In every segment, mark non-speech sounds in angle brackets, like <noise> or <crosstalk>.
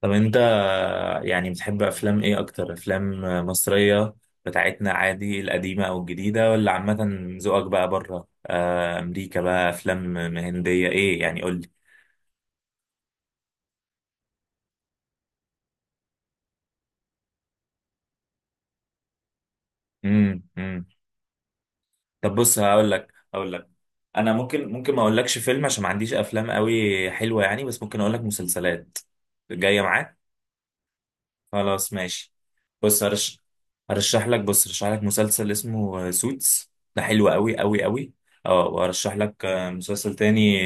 طب انت بتحب افلام ايه؟ اكتر افلام مصرية بتاعتنا عادي، القديمة او الجديدة ولا عامة؟ ذوقك بقى بره، امريكا بقى، افلام هندية، ايه؟ يعني قول لي. امم، امم. طب بص، هقول لك انا ممكن ما اقولكش فيلم عشان ما عنديش افلام قوي حلوة يعني، بس ممكن اقول لك مسلسلات جاية معاك. خلاص ماشي. بص هرش... هرشح لك، هرشح لك مسلسل اسمه سوتس. ده حلو قوي قوي قوي. اه، وهرشح لك مسلسل تاني.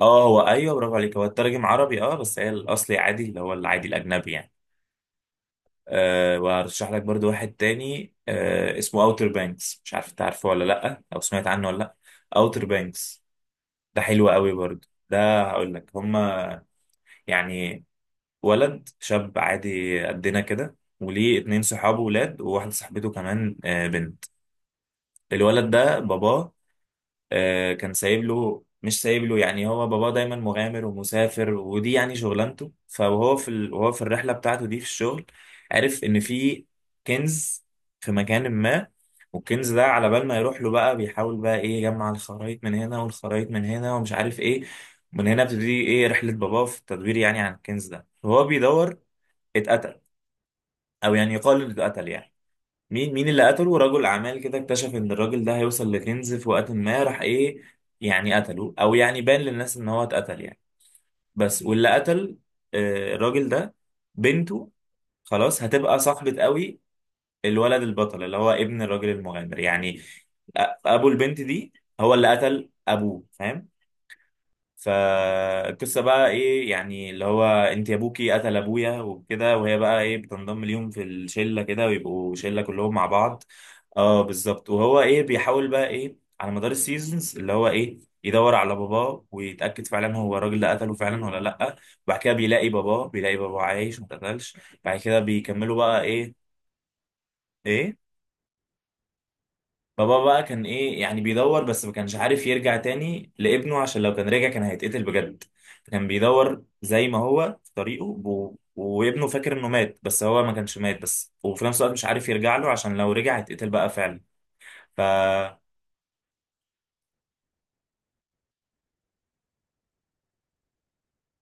اه، هو ايوه، برافو عليك، هو الترجم عربي اه، بس هي الاصلي عادي اللي هو العادي الاجنبي يعني. آه، وهرشح لك برضو واحد تاني اسمه اوتر بانكس. مش عارف انت عارفه ولا لا، او سمعت عنه ولا لا. اوتر بانكس ده حلو قوي برضو. ده هقول لك، هما يعني ولد شاب عادي قدنا كده، وليه اتنين صحابه ولاد وواحدة صاحبته كمان، بنت. الولد ده باباه كان سايب له، مش سايب له يعني، هو باباه دايما مغامر ومسافر ودي يعني شغلانته. فهو وهو في الرحلة بتاعته دي في الشغل عرف إن في كنز في مكان ما. والكنز ده على بال ما يروح له بقى بيحاول بقى ايه، يجمع الخرايط من هنا والخرايط من هنا ومش عارف ايه. من هنا بتبتدي ايه، رحلة باباه في التدوير يعني عن الكنز ده. وهو بيدور اتقتل، او يعني يقال انه اتقتل يعني. مين مين اللي قتله؟ رجل اعمال كده اكتشف ان الراجل ده هيوصل لكنز في وقت ما، راح ايه، يعني قتله، او يعني بان للناس ان هو اتقتل يعني. بس واللي قتل الراجل ده بنته، خلاص هتبقى صاحبة قوي الولد البطل اللي هو ابن الراجل المغامر يعني، ابو البنت دي هو اللي قتل ابوه، فاهم؟ فالقصه بقى ايه، يعني اللي هو انت يا ابوكي قتل ابويا وكده، وهي بقى ايه بتنضم ليهم في الشله كده ويبقوا شله كلهم مع بعض. اه بالظبط. وهو ايه، بيحاول بقى ايه، على مدار السيزونز، اللي هو ايه، يدور على باباه ويتاكد فعلا هو الراجل ده قتله فعلا ولا لا. وبعد كده بيلاقي باباه، بيلاقي باباه عايش ما اتقتلش. بعد كده بيكملوا بقى ايه. ايه. بابا بقى كان ايه يعني، بيدور، بس ما كانش عارف يرجع تاني لابنه عشان لو كان رجع كان هيتقتل بجد. فكان بيدور زي ما هو في طريقه وابنه فاكر انه مات، بس هو ما كانش مات، بس وفي نفس الوقت مش عارف يرجع له عشان لو رجع هيتقتل بقى. فعلا.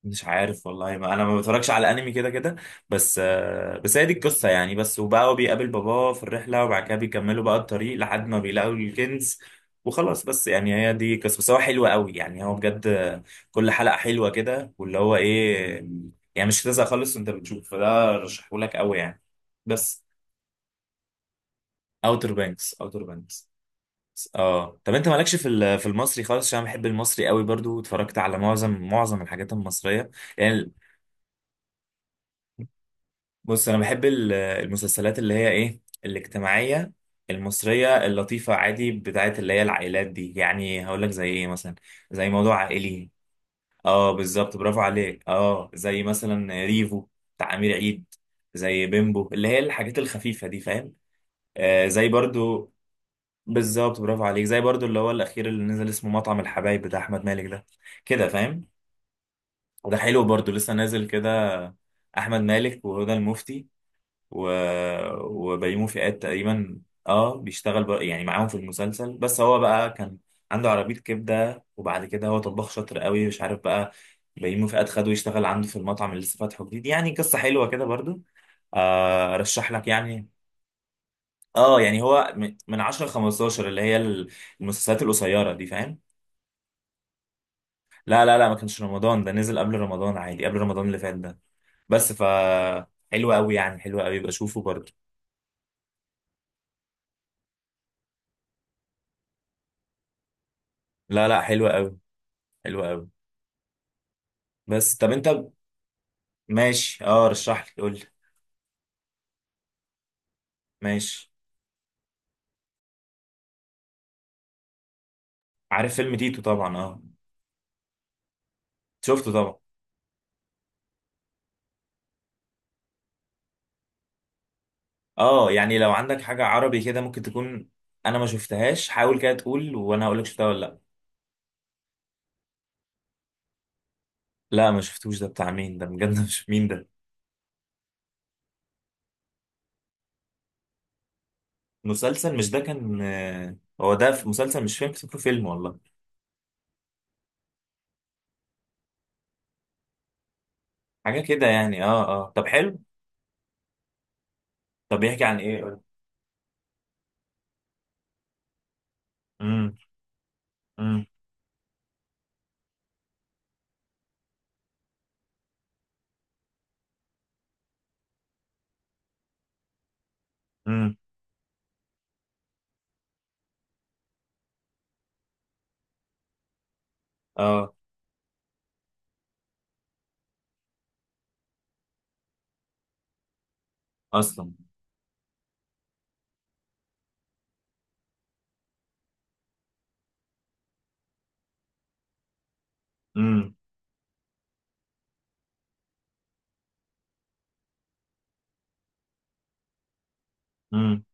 مش عارف والله، ما انا ما بتفرجش على انمي كده كده. بس بس هي دي القصه يعني. بس وبقى هو بيقابل باباه في الرحله وبعد كده بيكملوا بقى الطريق لحد ما بيلاقوا الكنز، وخلاص بس. يعني هي دي قصه بس، هو حلو قوي يعني، هو بجد كل حلقه حلوه كده، واللي هو ايه، يعني مش هتزهق خالص وانت بتشوف، فده رشحهولك قوي يعني. بس. اوتر بانكس، اوتر بانكس. اه طب، انت مالكش في المصري خالص؟ عشان أنا بحب المصري قوي برضو، واتفرجت على معظم الحاجات المصريه يعني. بص انا بحب المسلسلات اللي هي ايه، الاجتماعيه المصريه اللطيفه عادي، بتاعت اللي هي العائلات دي، يعني هقول لك زي ايه مثلا. زي موضوع عائلي. اه بالظبط، برافو عليك. اه زي مثلا ريفو بتاع امير عيد، زي بيمبو، اللي هي الحاجات الخفيفه دي فاهم. آه زي برضو، بالظبط، برافو عليك، زي برضو اللي هو الاخير اللي نزل، اسمه مطعم الحبايب، بتاع احمد مالك ده، كده فاهم. وده حلو برضو، لسه نازل كده. احمد مالك وهدى المفتي و... وبيومي فؤاد تقريبا. اه بيشتغل يعني معاهم في المسلسل، بس هو بقى كان عنده عربية كبدة، وبعد كده هو طباخ شاطر قوي مش عارف بقى. بيومي فؤاد خده يشتغل عنده في المطعم اللي لسه فاتحه جديد. يعني قصة حلوة كده برضو، آه رشح لك يعني. اه يعني هو من من 10 ل 15، اللي هي المسلسلات القصيرة دي فاهم. لا لا لا، ما كانش رمضان، ده نزل قبل رمضان عادي، قبل رمضان اللي فات ده. بس ف، حلو قوي يعني، حلو قوي بشوفه برضو. لا لا، حلو قوي، حلو قوي. بس طب انت. ماشي، اه رشح لي قول لي. ماشي. عارف فيلم تيتو طبعا، اه. شفته طبعا. اه يعني لو عندك حاجة عربي كده ممكن تكون، انا ما شفتهاش، حاول كده تقول وانا هقول لك شفتها ولا لا. لا، ما شفتوش. ده بتاع مين ده بجد؟ <laughs> مش مين ده. مسلسل، مش ده كان هو ده في مسلسل مش فيلم؟ فاكره فيلم والله. حاجة كده يعني، اه اه، طب حلو. طب بيحكي عن ايه؟ قول. امم، امم، امم. اه اصلا. امم، امم،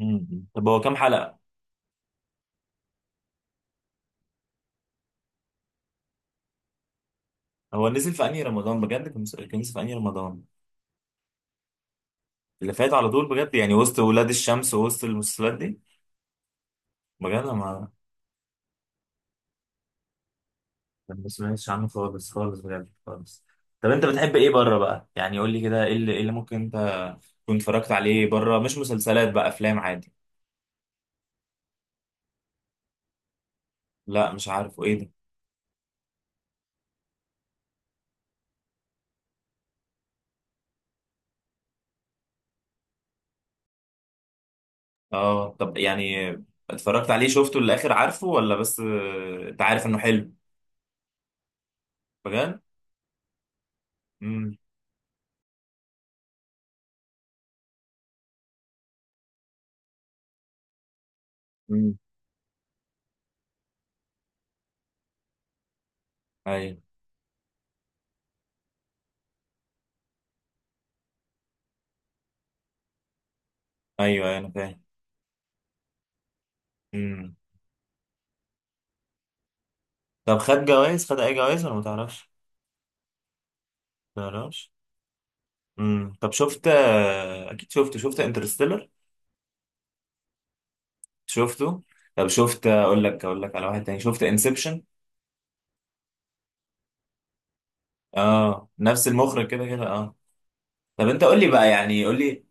امم. طب هو كام حلقة؟ هو نزل في انهي رمضان بجد؟ كان نزل، كان نزل في انهي رمضان؟ اللي فات على طول؟ بجد يعني وسط ولاد الشمس ووسط المسلسلات دي؟ بجد انا ما، ما سمعتش عنه خالص خالص بجد خالص. طب انت بتحب ايه بره بقى، يعني قول لي كده، ايه اللي، إيه اللي ممكن انت تكون اتفرجت عليه بره، مش مسلسلات بقى، افلام عادي. لا مش عارفه، ايه ده؟ اه طب يعني اتفرجت عليه، شفته للاخر عارفه، ولا بس انت عارف انه حلو بجد. امم، امم. ايوه، ايوه، ايوه انا فاهم. امم. طب خد جوائز، خد اي جوائز ولا ما تعرفش؟ ما تعرفش. امم. طب شفت، اكيد شفت، شفت انترستيلر؟ شفته. طب شفت، اقول لك على واحد تاني، شفت انسبشن؟ اه نفس المخرج كده كده، اه. طب انت قول لي بقى، يعني قول لي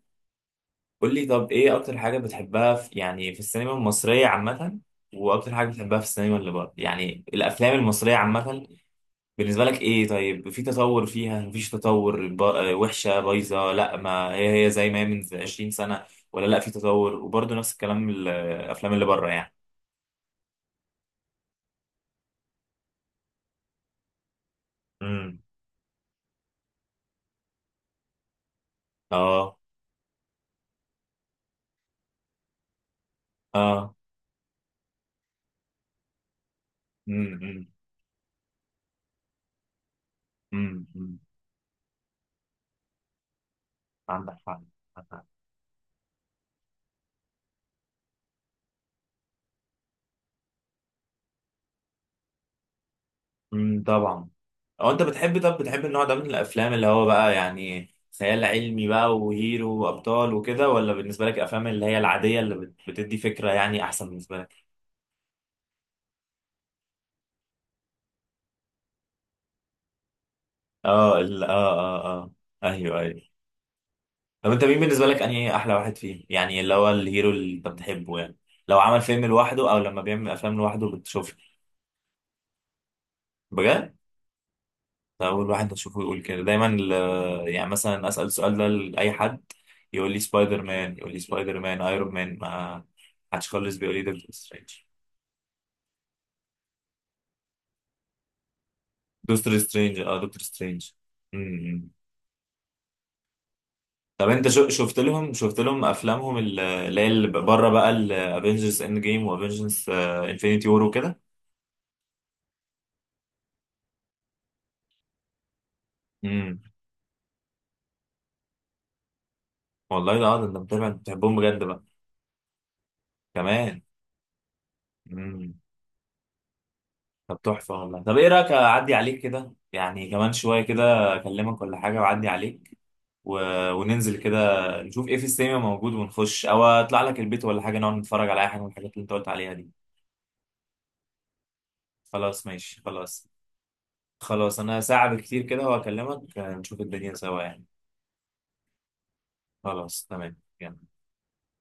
قول لي طب، ايه اكتر حاجه بتحبها في يعني في السينما المصريه عامه، واكتر حاجه بتحبها في السينما اللي بره يعني؟ الافلام المصريه عامه بالنسبه لك ايه؟ طيب في تطور فيها، مفيش تطور، وحشه، بايظه، لا ما هي هي زي ما هي من 20 سنه، ولا لا في تطور؟ وبرضه نفس الكلام الافلام اللي بره يعني. اه، اه. امم، امم، امم. عندك حق، عندك حق. طبعا. هو انت بتحب، طب بتحب النوع ده من الافلام اللي هو بقى يعني خيال علمي بقى، وهيرو وابطال وكده، ولا بالنسبه لك افلام اللي هي العاديه بتدي فكره يعني احسن بالنسبه لك؟ اه ال- اه اه اه، ايوه ايوه. طب انت مين بالنسبه لك انهي احلى واحد فيهم، يعني اللي هو الهيرو اللي انت بتحبه يعني، لو عمل فيلم لوحده او لما بيعمل افلام لوحده بتشوفه؟ بجد؟ أول واحد أشوفه يقول كده دايما يعني مثلا أسأل السؤال ده لأي حد يقول لي سبايدر مان، أيرون مان، ما حدش خالص بيقول لي دكتور سترينج. دكتور سترينج اه، دكتور سترينج. امم. طب انت شفت لهم، شفت لهم افلامهم اللي هي اللي بره بقى، الافنجرز اند جيم وافنجرز انفينيتي وور وكده. امم. والله ده، اه ده انت متابع، انت بتحبهم بجد بقى. كمان. امم. طب تحفه والله. طب ايه رايك اعدي عليك كده، يعني كمان شويه كده اكلمك ولا حاجه واعدي عليك و... وننزل كده، نشوف ايه في السينما موجود ونخش، او اطلع لك البيت ولا حاجه نقعد نتفرج على اي حاجه من الحاجات اللي انت قلت عليها دي. خلاص ماشي خلاص. خلاص انا ساعه بالكتير كده وهكلمك، نشوف الدنيا سوا يعني. خلاص تمام يلا.